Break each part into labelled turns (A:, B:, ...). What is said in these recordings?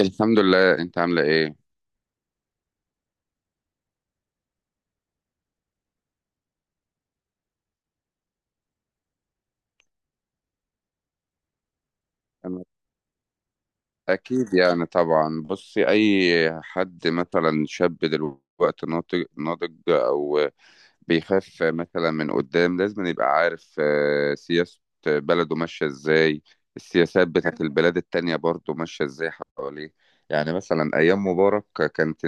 A: الحمد لله، انت عامله ايه؟ انا اكيد يعني طبعا. بصي، اي حد مثلا شاب دلوقتي ناضج ناضج او بيخاف مثلا من قدام، لازم يبقى عارف سياسة بلده ماشية ازاي. السياسات بتاعت البلاد التانية برضه ماشية ازاي حواليه. يعني مثلا ايام مبارك كانت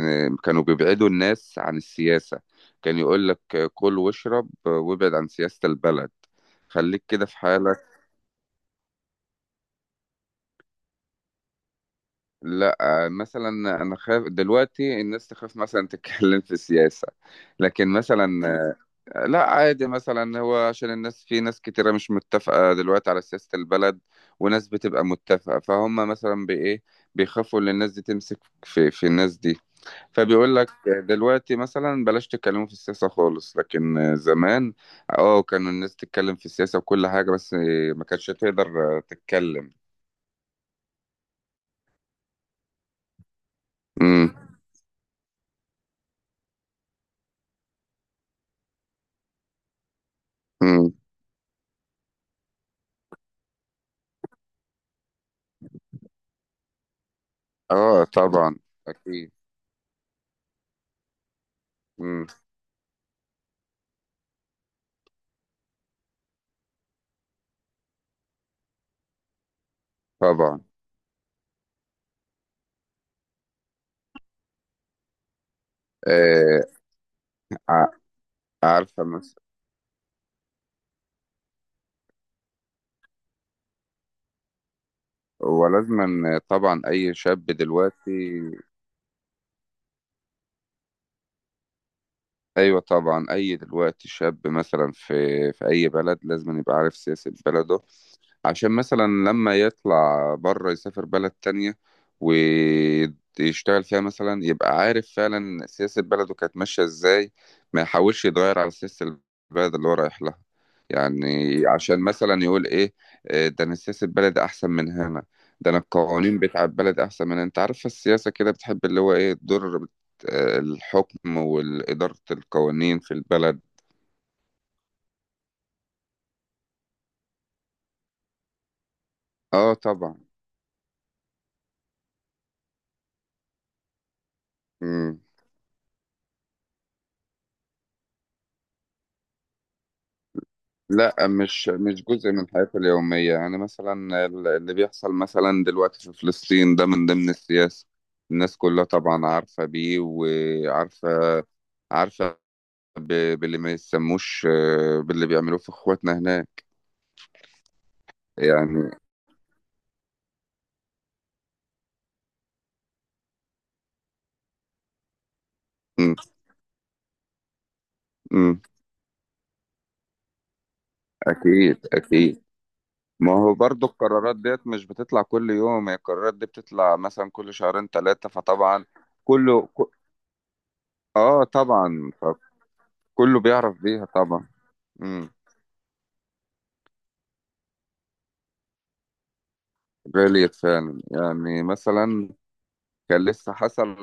A: كانوا بيبعدوا الناس عن السياسة. كان يقول لك كل واشرب وابعد عن سياسة البلد، خليك كده في حالك. لا. مثلا انا خايف دلوقتي الناس تخاف مثلا تتكلم في السياسة، لكن مثلا لا، عادي. مثلا هو عشان الناس، في ناس كتيرة مش متفقة دلوقتي على سياسة البلد، وناس بتبقى متفقة، فهم مثلا بإيه؟ بيخافوا ان الناس دي تمسك في الناس دي. فبيقول لك دلوقتي مثلا بلاش تتكلموا في السياسة خالص، لكن زمان اه، كانوا الناس تتكلم في السياسة وكل حاجة، بس ما كانتش تقدر تتكلم. امم. امم. اه طبعا، اكيد. مم. طبعا. آه، ع- عارفة مثلا. ولازما طبعا أي شاب دلوقتي. أيوة طبعا، أي دلوقتي شاب مثلا في أي بلد لازم يبقى عارف سياسة بلده. عشان مثلا لما يطلع بره يسافر بلد تانية ويشتغل فيها، مثلا يبقى عارف فعلا سياسة بلده كانت ماشية ازاي، ما يحاولش يتغير على سياسة البلد اللي هو رايح لها، يعني. عشان مثلا يقول ايه؟ ده انا سياسة بلدي احسن من هنا، ده انا القوانين بتاع البلد احسن من هنا. انت عارف السياسة كده بتحب اللي هو ايه، تضر الحكم وإدارة القوانين في البلد. اه طبعا. مم. لا، مش جزء من حياتي اليومية. يعني مثلا اللي بيحصل مثلا دلوقتي في فلسطين ده من ضمن السياسة. الناس كلها طبعا عارفة بيه، وعارفة عارفة باللي ما يسموش، باللي بيعملوه في اخواتنا هناك. يعني م- م- أكيد أكيد. ما هو برضو القرارات ديت مش بتطلع كل يوم، هي القرارات دي بتطلع مثلا كل شهرين ثلاثة، فطبعا كله ك- اه طبعا، فكله بيعرف بيها طبعا. م. غالية فعلا يعني، مثلا كان لسه حصل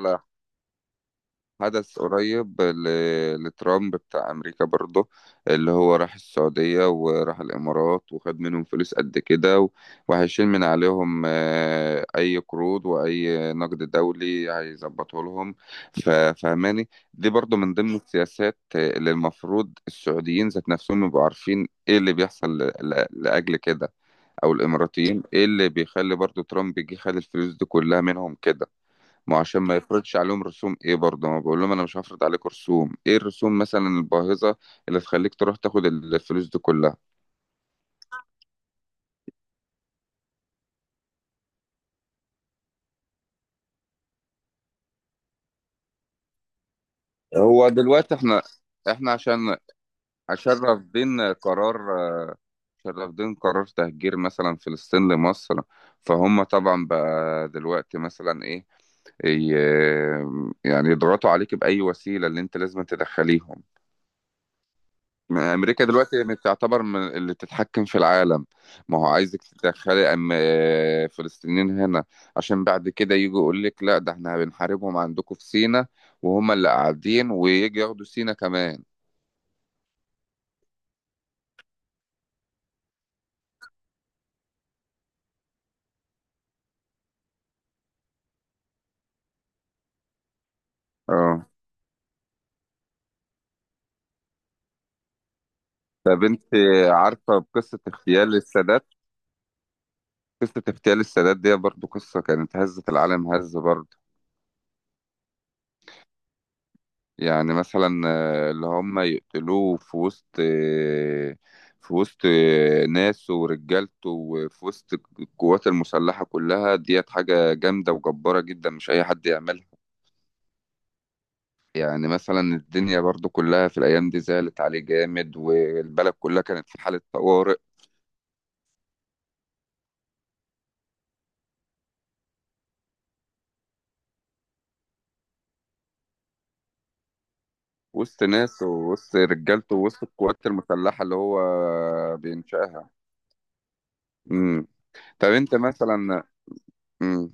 A: حدث قريب لترامب بتاع أمريكا برضه، اللي هو راح السعودية وراح الإمارات وخد منهم فلوس قد كده، وهيشيل من عليهم أي قروض وأي نقد دولي هيظبطه لهم. فهماني؟ دي برضه من ضمن السياسات اللي المفروض السعوديين ذات نفسهم يبقوا عارفين إيه اللي بيحصل لأجل كده، او الاماراتيين ايه اللي بيخلي برضو ترامب يجي خد الفلوس دي كلها منهم كده. ما هو عشان ما يفرضش عليهم رسوم ايه، برضه ما بقول لهم انا مش هفرض عليكم رسوم ايه، الرسوم مثلا الباهظة اللي تخليك تروح تاخد الفلوس دي كلها. هو دلوقتي احنا عشان عشان رافضين قرار عشان رافضين قرار تهجير مثلا فلسطين لمصر. فهم طبعا بقى دلوقتي مثلا ايه، ي- يعني يضغطوا عليك بأي وسيلة اللي انت لازم تدخليهم. ما امريكا دلوقتي يعني تعتبر من اللي تتحكم في العالم. ما هو عايزك تدخلي أم فلسطينيين هنا، عشان بعد كده يجوا يقول لك لا، ده احنا بنحاربهم عندكم في سينا، وهم اللي قاعدين ويجي ياخدوا سينا كمان. اه. طب انت عارفه بقصه اغتيال السادات؟ قصه اغتيال السادات دي برضو قصه كانت هزت العالم هزه برضو. يعني مثلا، اللي هم يقتلوه في وسط، ناسه ورجالته وفي وسط القوات المسلحة كلها ديت، حاجة جامدة وجبارة جدا، مش أي حد يعملها. يعني مثلا الدنيا برضو كلها في الأيام دي زعلت عليه جامد، والبلد كلها كانت في حالة طوارئ، وسط ناسه ووسط رجالته ووسط القوات المسلحة اللي هو بينشأها. مم. طب أنت مثلا. مم.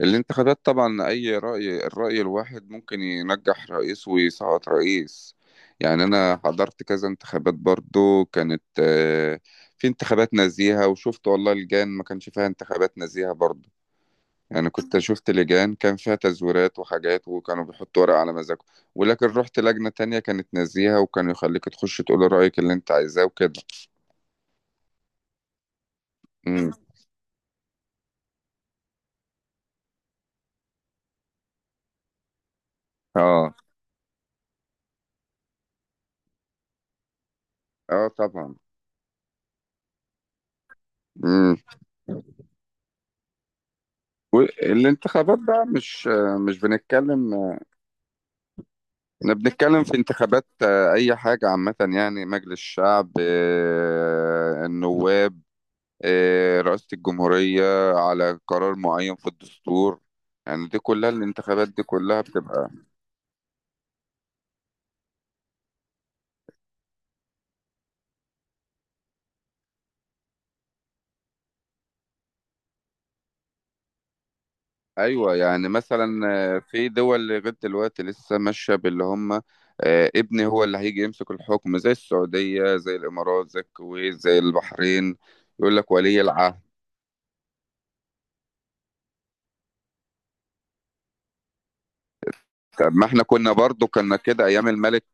A: اللي انتخابات طبعا، اي رأي الرأي الواحد ممكن ينجح رئيس ويسقط رئيس. يعني انا حضرت كذا انتخابات، برضو كانت في انتخابات نزيهة، وشفت والله لجان ما كانش فيها انتخابات نزيهة برضو. يعني كنت شفت لجان كان فيها تزويرات وحاجات، وكانوا بيحطوا ورق على مزاجهم، ولكن رحت لجنة تانية كانت نزيهة، وكانوا يخليك تخش تقول رأيك اللي انت عايزاه وكده. امم. اه. اه طبعا. امم. والانتخابات بقى، مش بنتكلم. احنا بنتكلم في انتخابات اي حاجة عامة، يعني مجلس الشعب، النواب، رئاسة الجمهورية، على قرار معين في الدستور. يعني دي كلها، الانتخابات دي كلها بتبقى. ايوه، يعني مثلا في دول لغاية دلوقتي لسه ماشية باللي هم، ابني هو اللي هيجي يمسك الحكم، زي السعودية زي الامارات زي الكويت زي البحرين. يقول لك ولي العهد. طب ما احنا كنا برضو كنا كده ايام الملك.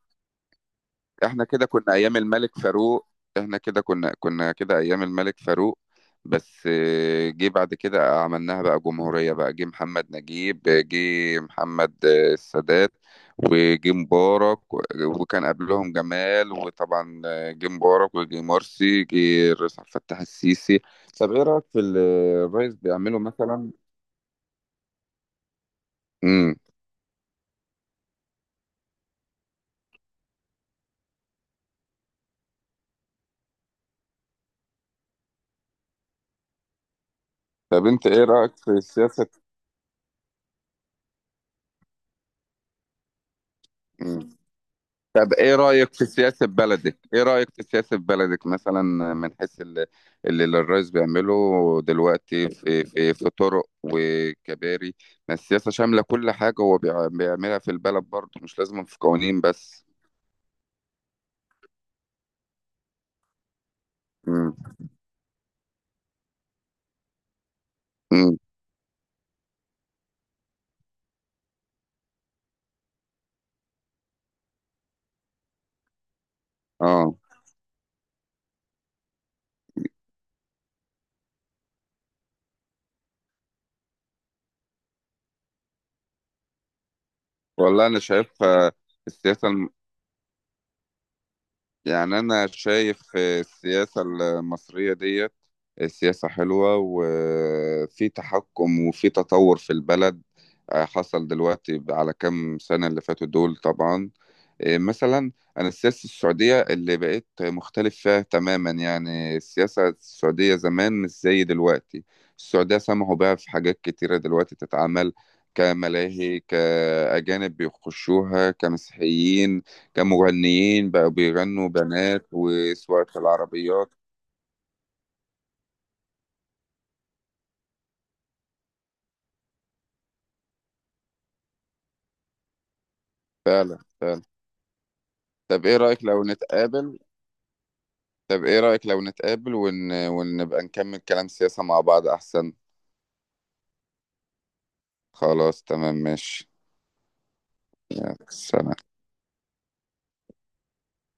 A: احنا كده كنا ايام الملك فاروق. احنا كده كنا كده ايام الملك فاروق. بس جه بعد كده عملناها بقى جمهورية بقى، جه محمد نجيب، جه محمد السادات، وجه مبارك، وكان قبلهم جمال، وطبعا جه مبارك وجه مرسي، جه الرئيس عبد الفتاح السيسي. طب ايه رأيك في اللي الرئيس بيعمله مثلا؟ امم. طب انت ايه رأيك في السياسة؟ مم. طب ايه رأيك في سياسة بلدك؟ ايه رأيك في سياسة بلدك مثلا، من حيث اللي الرئيس بيعمله دلوقتي في طرق وكباري، ما السياسة شاملة كل حاجة هو بيعملها في البلد، برضه مش لازم في قوانين بس. امم. امم. اه. والله انا شايف آه، السياسة يعني أنا شايف السياسة المصرية ديت سياسة حلوة، وفي تحكم وفي تطور في البلد حصل دلوقتي على كام سنة اللي فاتوا دول طبعا. مثلا انا السياسه السعوديه اللي بقيت مختلف فيها تماما. يعني السياسه السعوديه زمان مش زي دلوقتي. السعوديه سمحوا بها في حاجات كتيره دلوقتي تتعمل، كملاهي، كأجانب بيخشوها، كمسيحيين، كمغنيين بقوا بيغنوا بنات، وسواقة العربيات. فعلا فعلا. طب ايه رأيك لو نتقابل؟ طب ايه رأيك لو نتقابل ون... ونبقى نكمل كلام سياسة مع بعض، احسن. خلاص تمام، ماشي. يلا، سلام.